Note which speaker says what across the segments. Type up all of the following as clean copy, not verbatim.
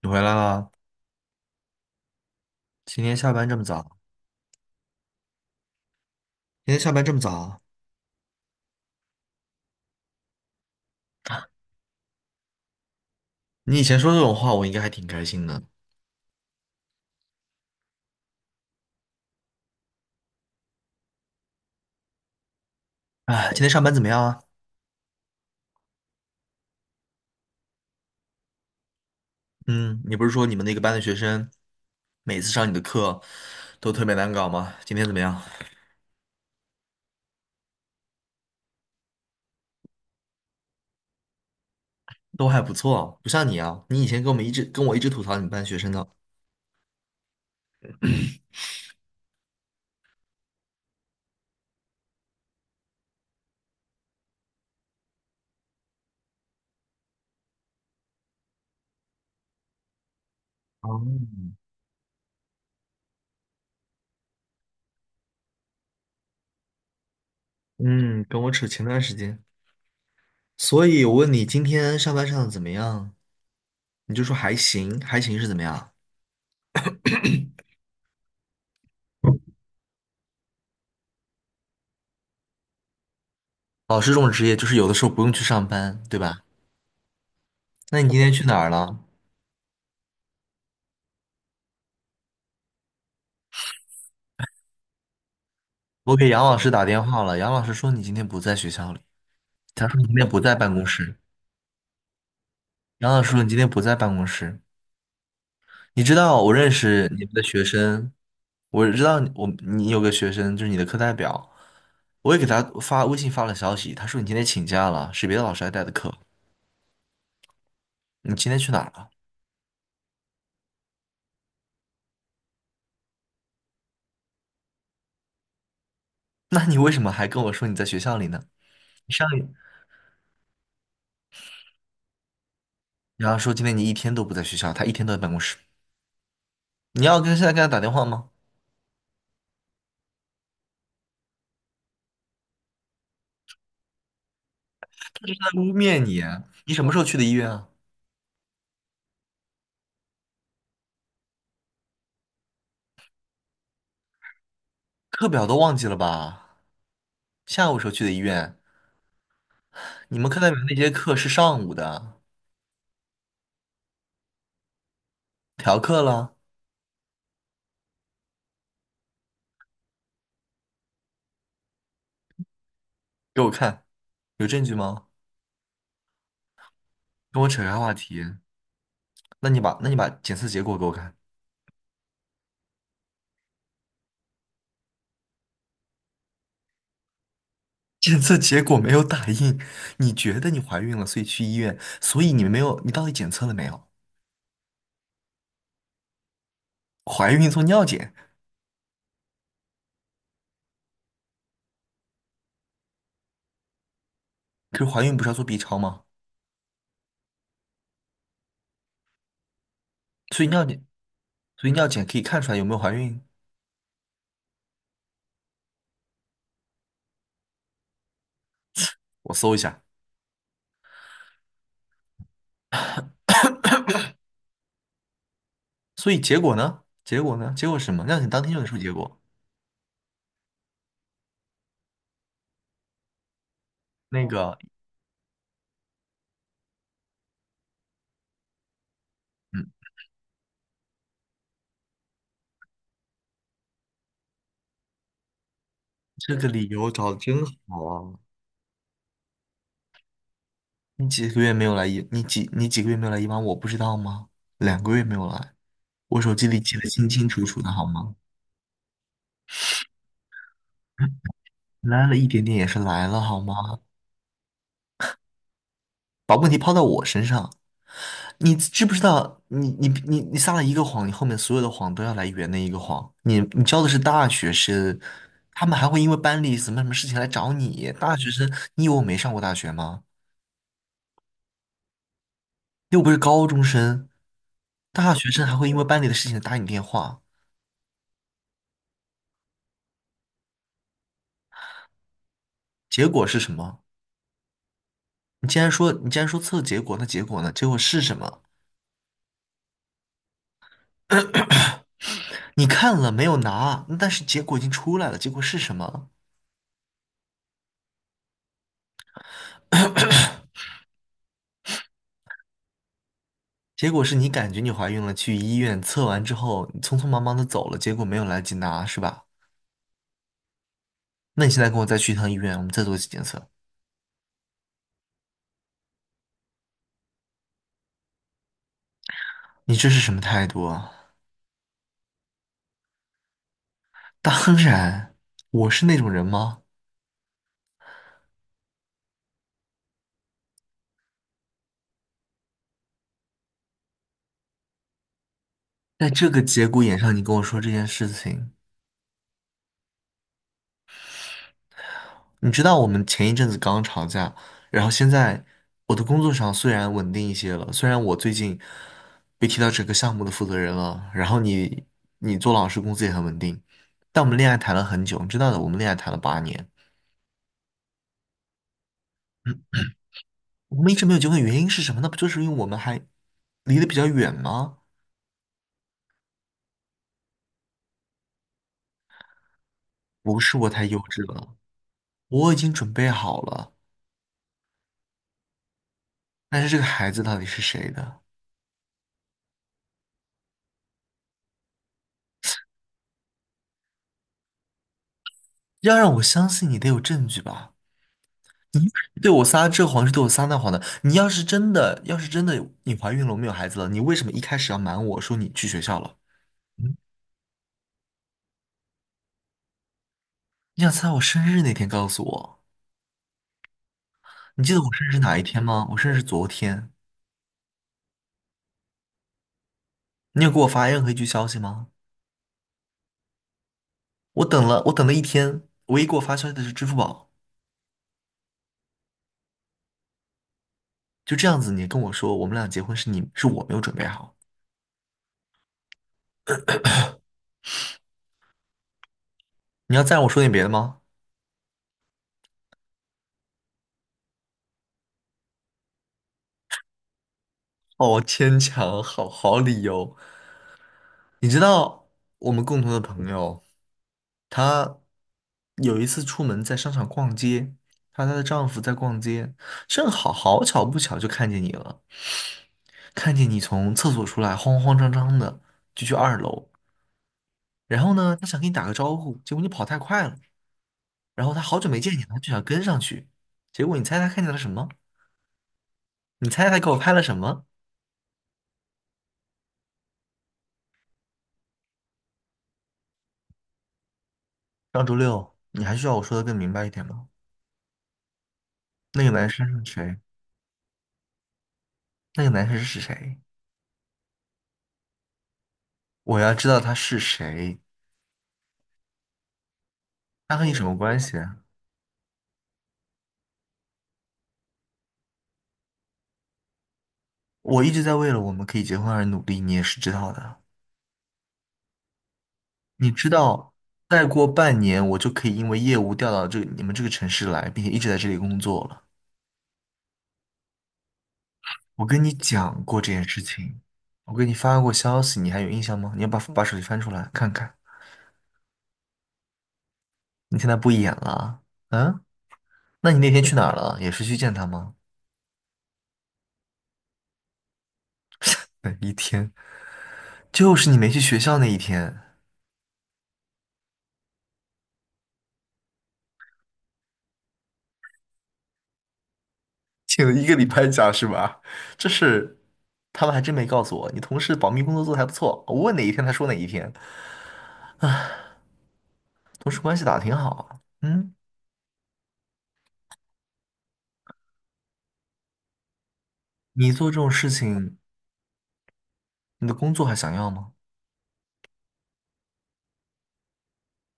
Speaker 1: 你回来了？今天下班这么早？今天下班这么早啊？你以前说这种话，我应该还挺开心的。哎，今天上班怎么样啊？嗯，你不是说你们那个班的学生每次上你的课都特别难搞吗？今天怎么样？都还不错，不像你啊，你以前跟我们一直跟我一直吐槽你们班学生的。哦。嗯，跟我扯前段时间。所以我问你今天上班上的怎么样，你就说还行，还行是怎么样？老师这种职业就是有的时候不用去上班，对吧？那你今天去哪儿了？我给杨老师打电话了，杨老师说你今天不在学校里，他说你今天不在办公室，杨老师说你今天不在办公室。你知道我认识你们的学生，我知道你有个学生就是你的课代表，我也给他发微信发了消息，他说你今天请假了，是别的老师来带的课，你今天去哪儿了？那你为什么还跟我说你在学校里呢？你上一，然后说今天你一天都不在学校，他一天都在办公室，你要跟现在跟他打电话吗？他就是在污蔑你啊，你什么时候去的医院啊？课表都忘记了吧？下午时候去的医院，你们课代表那节课是上午的，调课了，给我看，有证据吗？跟我扯开话题。那你把检测结果给我看。检测结果没有打印，你觉得你怀孕了，所以去医院，所以你没有，你到底检测了没有？怀孕做尿检，可是怀孕不是要做 B 超吗？所以尿检，所以尿检可以看出来有没有怀孕。我搜一下，所以结果呢？结果呢？结果是什么？尿检当天就能出结果。那个，嗯，这个理由找的真好啊。你几个月没有来一班，我不知道吗？2个月没有来，我手机里记得清清楚楚的，好吗？来了一点点也是来了，好吗？你知不知道，你撒了一个谎，你后面所有的谎都要来圆那一个谎。你教的是大学生，他们还会因为班里什么什么事情来找你。大学生，你以为我没上过大学吗？又不是高中生，大学生还会因为班里的事情打你电话，结果是什么？你既然说测结果，那结果呢？结果是什么？你看了没有拿？但是结果已经出来了，结果是什么？结果是你感觉你怀孕了，去医院测完之后，你匆匆忙忙的走了，结果没有来得及拿，是吧？那你现在跟我再去一趟医院，我们再做一次检测，你这是什么态度啊？当然，我是那种人吗？在这个节骨眼上，你跟我说这件事情，你知道我们前一阵子刚吵架，然后现在我的工作上虽然稳定一些了，虽然我最近被提到整个项目的负责人了，然后你做老师工资也很稳定，但我们恋爱谈了很久，你知道的，我们恋爱谈了八年，我们一直没有结婚，原因是什么？那不就是因为我们还离得比较远吗？不是我太幼稚了，我已经准备好了，但是这个孩子到底是谁的？要让我相信你得有证据吧。对我撒这谎是对我撒那谎的。你要是真的，要是真的你怀孕了，我们有孩子了，你为什么一开始要瞒我说你去学校了？嗯你想在我生日那天告诉我？你记得我生日是哪一天吗？我生日是昨天。你有给我发任何一句消息吗？我等了，我等了一天，唯一给我发消息的是支付宝。就这样子，你跟我说我们俩结婚是你是我没有准备好。你要再让我说点别的吗？好牵强，好好理由。你知道我们共同的朋友，她有一次出门在商场逛街，她和她的丈夫在逛街，正好好巧不巧就看见你了，看见你从厕所出来，慌慌张张的就去2楼，然后呢，她想跟你打个招呼，结果你跑太快了，然后她好久没见你了，她就想跟上去，结果你猜她看见了什么？你猜她给我拍了什么？上周六，你还需要我说的更明白一点吗？那个男生是谁？那个男生是谁？我要知道他是谁。他和你什么关系啊？我一直在为了我们可以结婚而努力，你也是知道的。你知道，再过半年我就可以因为业务调到这你们这个城市来，并且一直在这里工作了。我跟你讲过这件事情，我给你发过消息，你还有印象吗？你要把手机翻出来看看。你现在不演了嗯？啊，那你那天去哪儿了？也是去见他吗？哪一天，就是你没去学校那一天。请了一个礼拜假是吧？这是他们还真没告诉我。你同事保密工作做得还不错，我问哪一天他说哪一天，同事关系打得挺好啊。嗯，你做这种事情，你的工作还想要吗？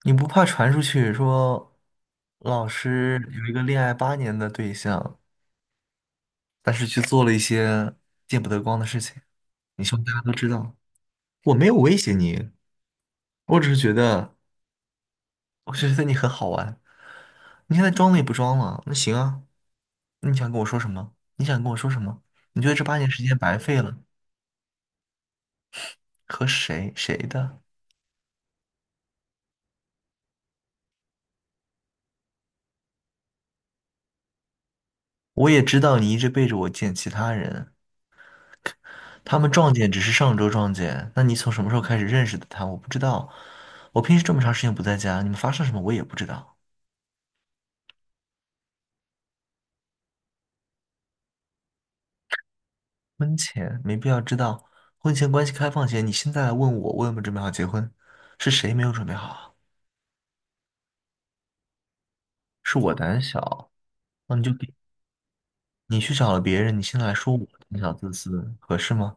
Speaker 1: 你不怕传出去说老师有一个恋爱八年的对象，但是去做了一些见不得光的事情？你希望大家都知道，我没有威胁你，我只是觉得，我只是觉得你很好玩。你现在装了也不装了，那行啊，你想跟我说什么？你想跟我说什么？你觉得这八年时间白费了？和谁谁的？我也知道你一直背着我见其他人，他们撞见只是上周撞见。那你从什么时候开始认识的他？我不知道。我平时这么长时间不在家，你们发生什么我也不知道。婚前没必要知道，婚前关系开放前，你现在来问我，我有没有准备好结婚？是谁没有准备好啊？是我胆小，那你就别，你去找了别人，你现在来说我胆小自私，合适吗？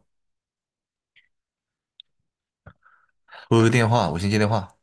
Speaker 1: 我有个电话，我先接电话。